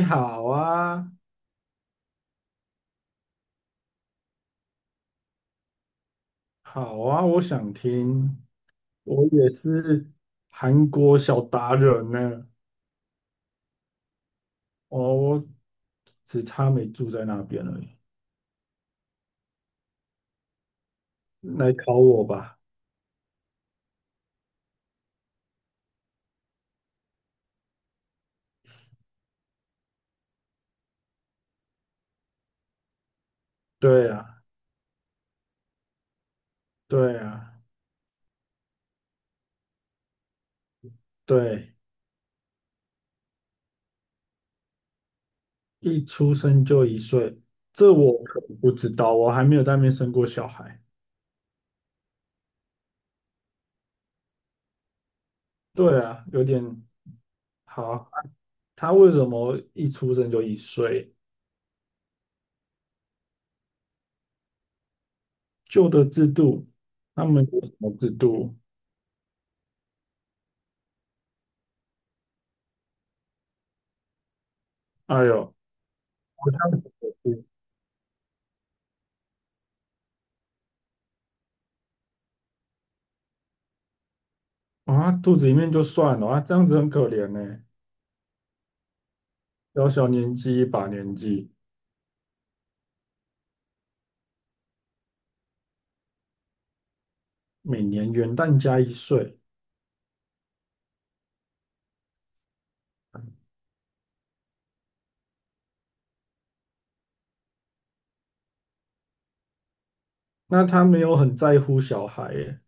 你好啊。好啊，我想听。我也是韩国小达人呢。哦，我只差没住在那边而已。来考我吧。对啊。对啊。对。一出生就一岁，这我可不知道，我还没有在那边生过小孩。对啊，有点好。他为什么一出生就一岁？旧的制度，他们有什么制度？哎呦，好像啊，肚子里面就算了啊，这样子很可怜呢。小小年纪一把年纪，每年元旦加一岁，那他没有很在乎小孩耶。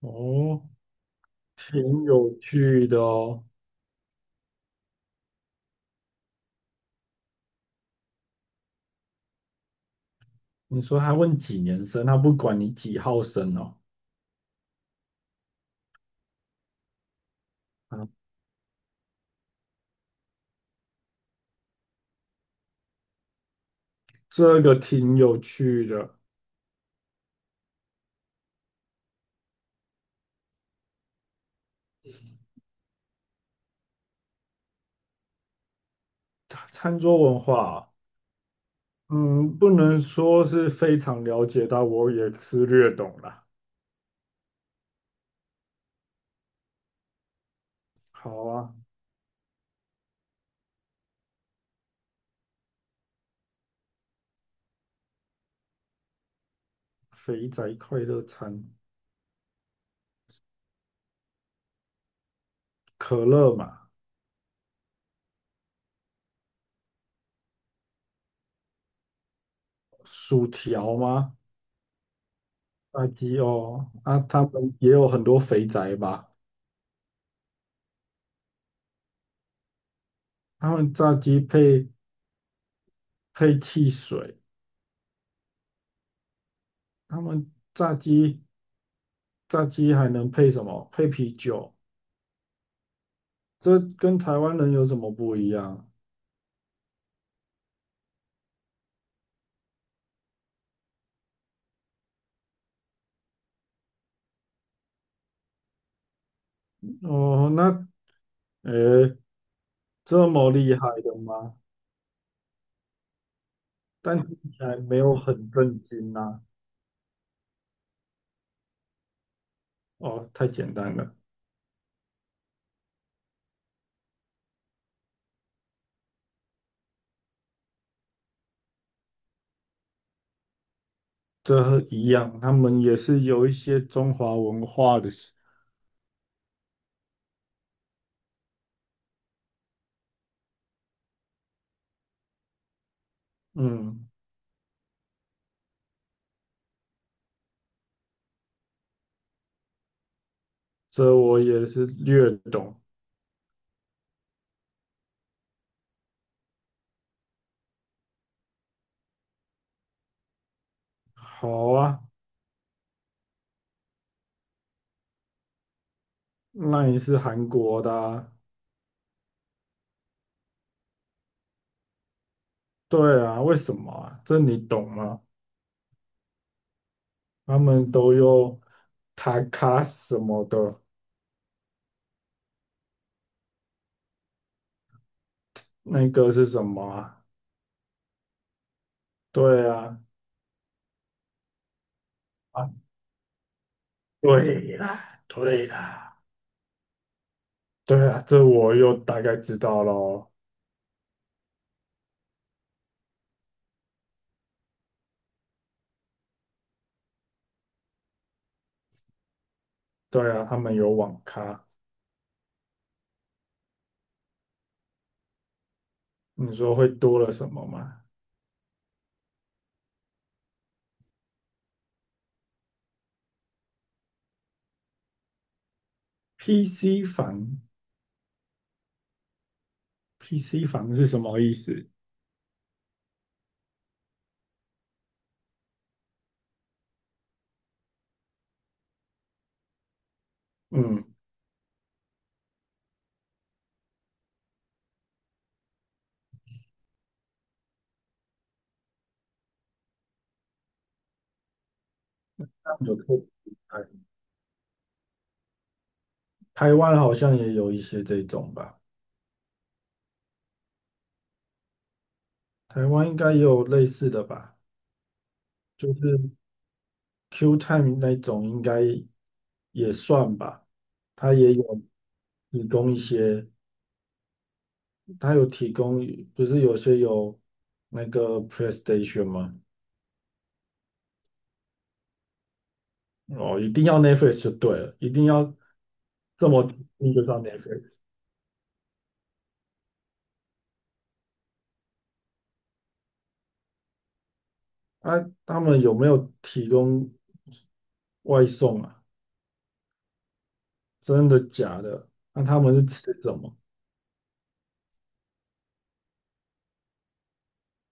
哦，挺有趣的哦。你说他问几年生，他不管你几号生哦。啊，这个挺有趣的。餐桌文化啊，嗯，不能说是非常了解，但我也是略懂啦。好啊。肥宅快乐餐，可乐嘛。薯条吗？炸鸡哦，啊，他们也有很多肥宅吧？他们炸鸡配汽水，他们炸鸡还能配什么？配啤酒。这跟台湾人有什么不一样？哦，那诶，这么厉害的吗？但听起来没有很震惊啊。哦，太简单了。这和一样，他们也是有一些中华文化的。嗯，这我也是略懂。好啊。那也是韩国的啊。对啊，为什么啊？这你懂吗？他们都用卡卡什么的。那个是什么啊？对啊。啊，对啦，对啦。对啊，这我又大概知道咯。对啊，他们有网咖。你说会多了什么吗？PC 房，PC 房是什么意思？嗯，有特台台湾好像也有一些这种吧。台湾应该也有类似的吧。就是 Q Time 那种应该也算吧。它也有提供一些，它有提供，不是有些有那个 PlayStation 吗？哦，一定要 Netflix 就对了，一定要这么那个上面。Netflix。啊，他们有没有提供外送啊？真的假的？那、他们是吃什么？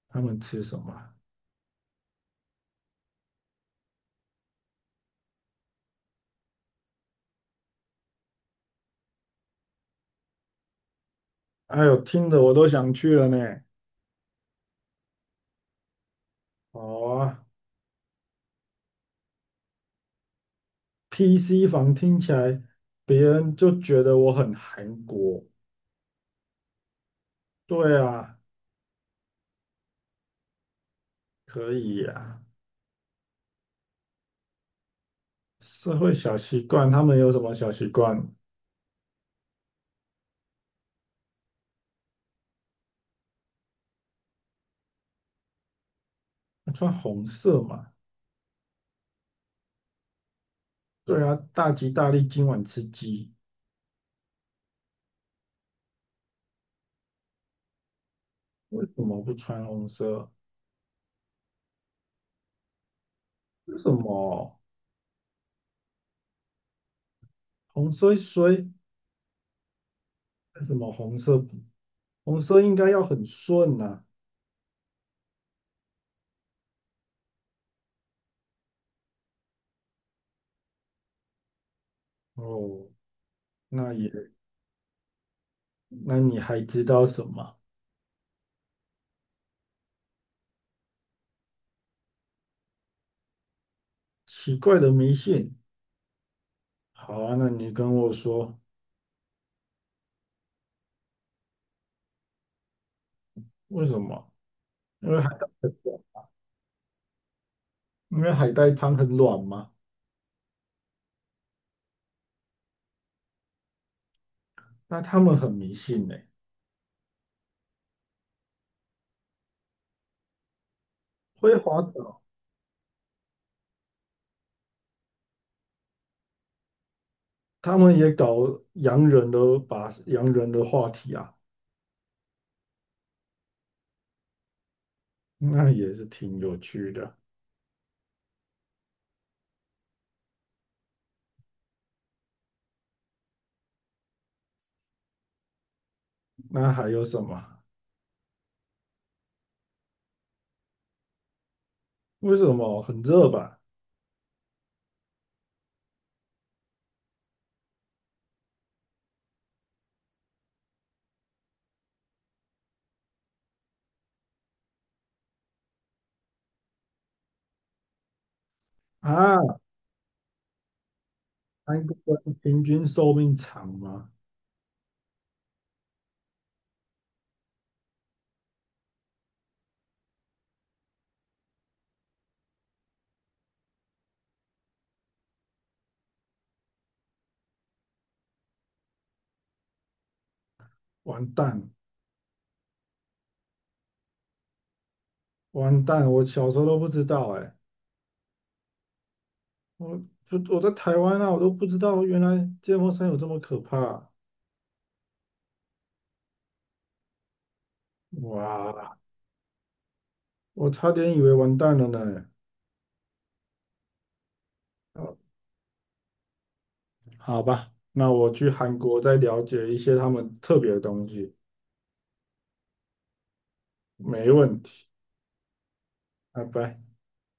他们吃什么啊？哎呦，听得我都想去了呢。好啊。PC 房听起来，别人就觉得我很韩国。对啊。可以呀、社会小习惯，他们有什么小习惯？穿红色嘛。对啊，大吉大利，今晚吃鸡。为什么不穿红色？为什么红衰衰？为什么红色不红色应该要很顺呐、哦，那也，那你还知道什么奇怪的迷信？好啊，那你跟我说为什么？因为海带很软，因为海带汤很软嘛。那他们很迷信呢、会滑倒。他们也搞洋人的，把洋人的话题啊。那也是挺有趣的。那还有什么？为什么很热吧？啊，韩国人平均寿命长吗？完蛋。完蛋！我小时候都不知道哎、我我在台湾啊，我都不知道原来芥末山有这么可怕啊。哇，我差点以为完蛋了呢。好吧，那我去韩国再了解一些他们特别的东西。没问题，拜拜。